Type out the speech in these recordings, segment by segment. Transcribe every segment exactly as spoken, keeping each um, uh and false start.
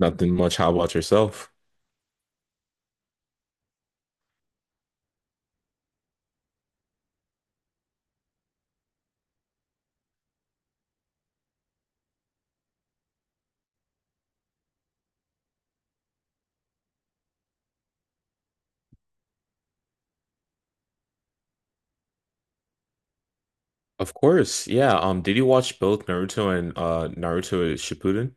Nothing much. How about yourself? Of course. Yeah. Um, did you watch both Naruto and uh Naruto Shippuden?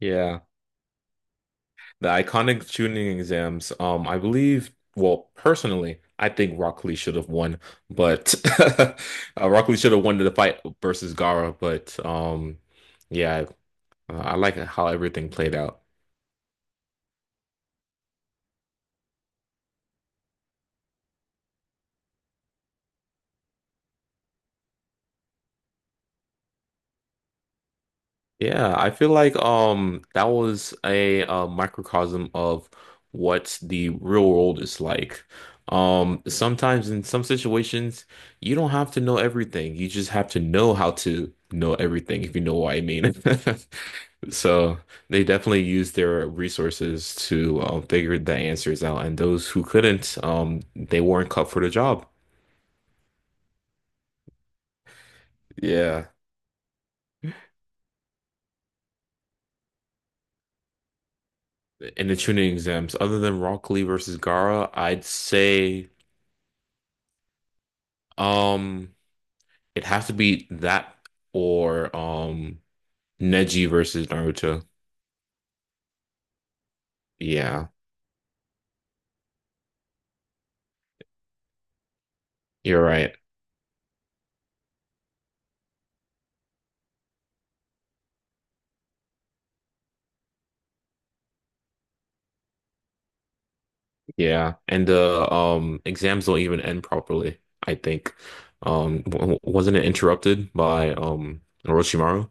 Yeah. The iconic Chunin exams. Um, I believe, well, personally, I think Rock Lee should have won, but uh, Rock Lee should have won the fight versus Gaara, but um yeah, I, I like how everything played out. Yeah, I feel like um that was a, uh microcosm of what the real world is like. Um, sometimes in some situations, you don't have to know everything. You just have to know how to know everything, if you know what I mean. So they definitely used their resources to um, figure the answers out, and those who couldn't, um, they weren't cut for the job. Yeah. In the tuning exams, other than Rock Lee versus Gara, I'd say. Um, It has to be that or um Neji versus Naruto. Yeah, you're right. Yeah, and the um exams don't even end properly, I think. Um w- wasn't it interrupted by um Orochimaru?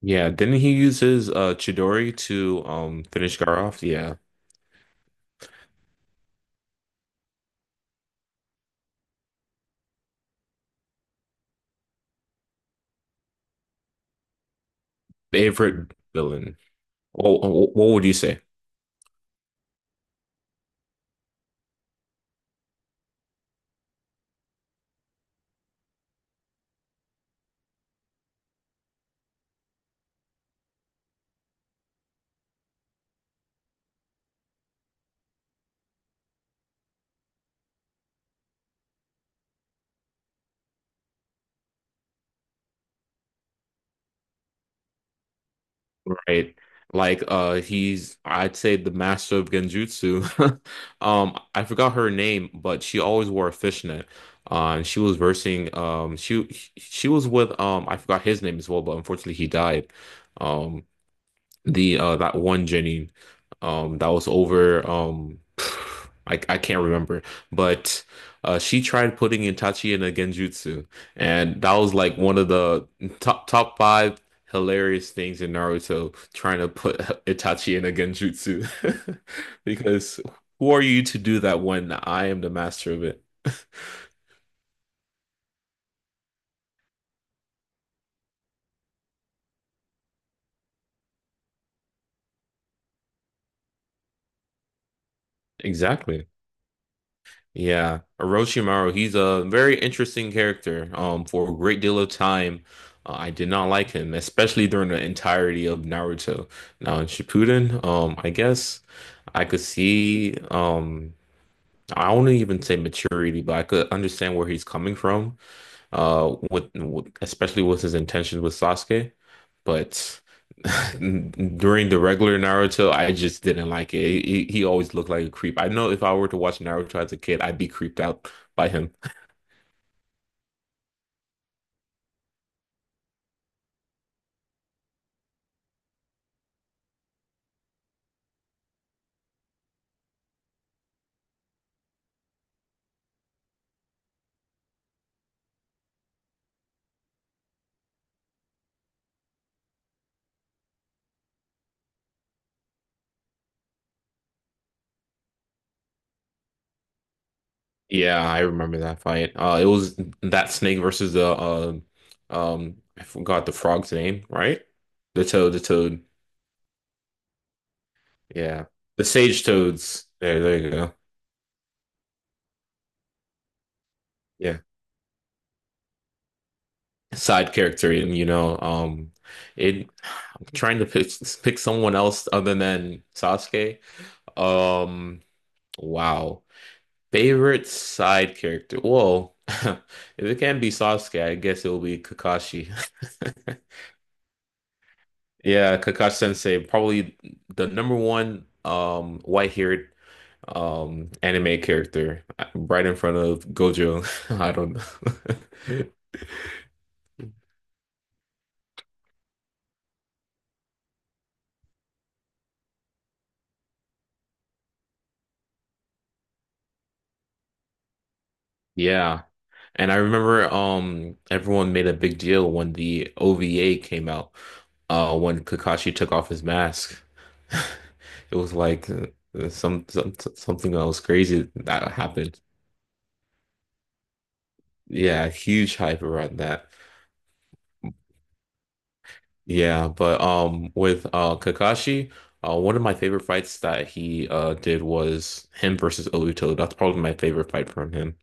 Yeah, didn't he use his uh Chidori to um finish Gaara off? Yeah. Favorite villain. What, what would you say? Right? Like uh he's I'd say the master of genjutsu. Um I forgot her name, but she always wore a fishnet. Uh, and she was versing um she she was with um I forgot his name as well, but unfortunately he died. Um the uh that one Jenny um that was over um I I can't remember but uh she tried putting Itachi in a genjutsu, and that was like one of the top top five hilarious things in Naruto, trying to put Itachi in a genjutsu because who are you to do that when I am the master of it? Exactly. Yeah, Orochimaru, he's a very interesting character. Um, for a great deal of time, uh, I did not like him, especially during the entirety of Naruto. Now in Shippuden, um, I guess I could see, um, I wouldn't even say maturity, but I could understand where he's coming from uh with, with especially with his intentions with Sasuke. But during the regular Naruto, I just didn't like it. He, he always looked like a creep. I know if I were to watch Naruto as a kid, I'd be creeped out by him. Yeah, I remember that fight. Uh, it was that snake versus the uh, um, I forgot the frog's name, right? The toad, the toad. Yeah, the sage toads. There, there you go. Yeah. Side character, and you know um it I'm trying to pick pick someone else other than Sasuke. um wow, favorite side character. Whoa. If it can't be Sasuke, I guess it'll be Kakashi. Yeah, Kakashi Sensei, probably the number one um white-haired um anime character, uh, right in front of Gojo. I don't know. Yeah. And I remember um everyone made a big deal when the O V A came out, uh when Kakashi took off his mask. It was like uh, some, some something that was crazy that happened. Yeah, huge hype around that. Yeah, but um with uh Kakashi, uh one of my favorite fights that he uh did was him versus Obito. That's probably my favorite fight from him.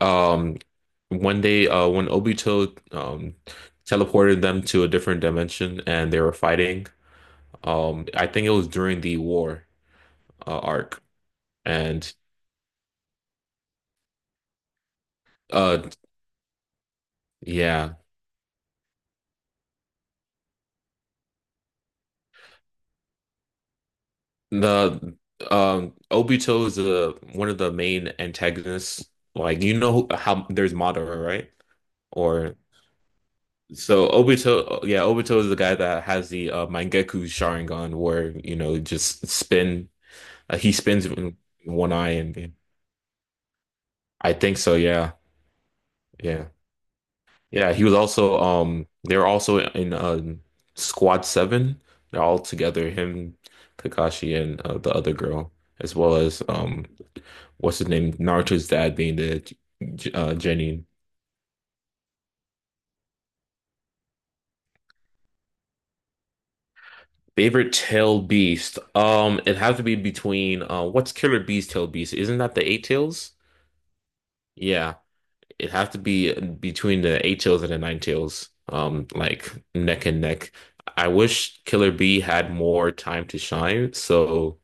Um, when they uh when Obito um teleported them to a different dimension and they were fighting, um, I think it was during the war uh, arc. And uh yeah, the um Obito is, uh, one of the main antagonists. Like, you know who- how there's Madara, right? Or so Obito, yeah, Obito is the guy that has the uh, Mangekyou Sharingan, where, you know, just spin, uh, he spins in one eye and. I think so. Yeah, yeah, yeah. He was also um. They were also in um Squad Seven. They're all together. Him, Kakashi, and uh, the other girl, as well as um, what's his name? Naruto's dad being the J- uh, Genin. Favorite tail beast. Um, it has to be between uh, what's Killer Bee's tail beast? Isn't that the eight tails? Yeah. It'd have to be between the eight tails and the nine tails, um, like neck and neck. I wish Killer B had more time to shine, so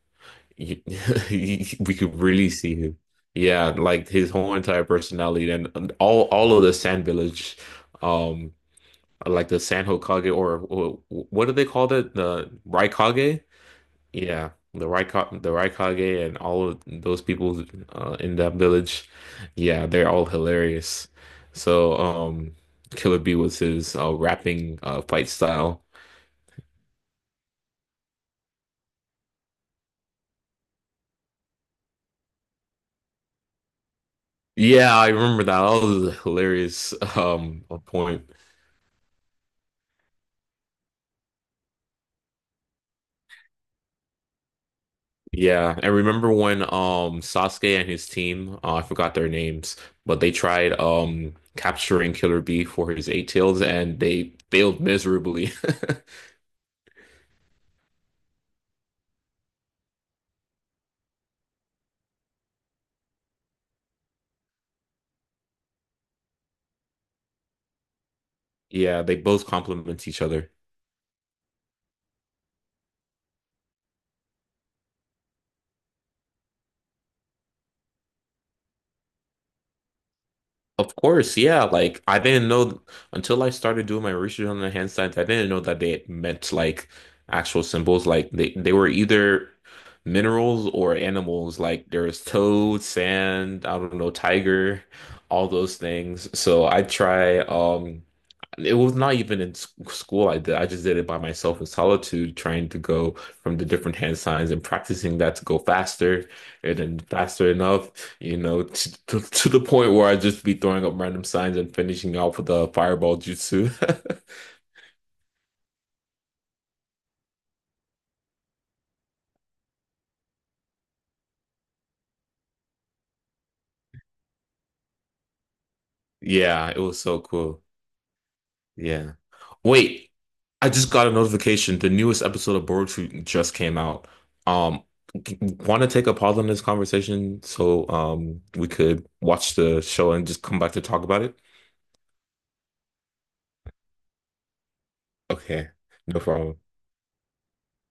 you, we could really see him. Yeah, like his whole entire personality, and and all all of the Sand Village, um, like the San Hokage, or, or what do they call it? The Raikage? Yeah, the Raikage, the Raikage and all of those people uh, in that village, yeah, they're all hilarious. So, um, Killer Bee was his uh, rapping, uh, fight style. Yeah, I remember that. That was a hilarious um point. Yeah, and remember when um Sasuke and his team, uh, I forgot their names, but they tried um capturing Killer Bee for his eight tails and they failed miserably. Yeah, they both complement each other. Of course, yeah. Like I didn't know until I started doing my research on the hand signs, I didn't know that they meant like actual symbols. Like they, they were either minerals or animals. Like there was toad, sand, I don't know, tiger, all those things. So I try um it was not even in s- school I did. I just did it by myself in solitude, trying to go from the different hand signs and practicing that to go faster, and then faster enough, you know, to, to, to the point where I'd just be throwing up random signs and finishing off with a fireball jutsu. Yeah, it was so cool. Yeah. Wait, I just got a notification. The newest episode of Boruto just came out. Um, want to take a pause on this conversation so um we could watch the show and just come back to talk about it? Okay, no problem.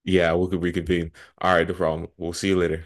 Yeah, we could reconvene. All right, no problem. We'll see you later.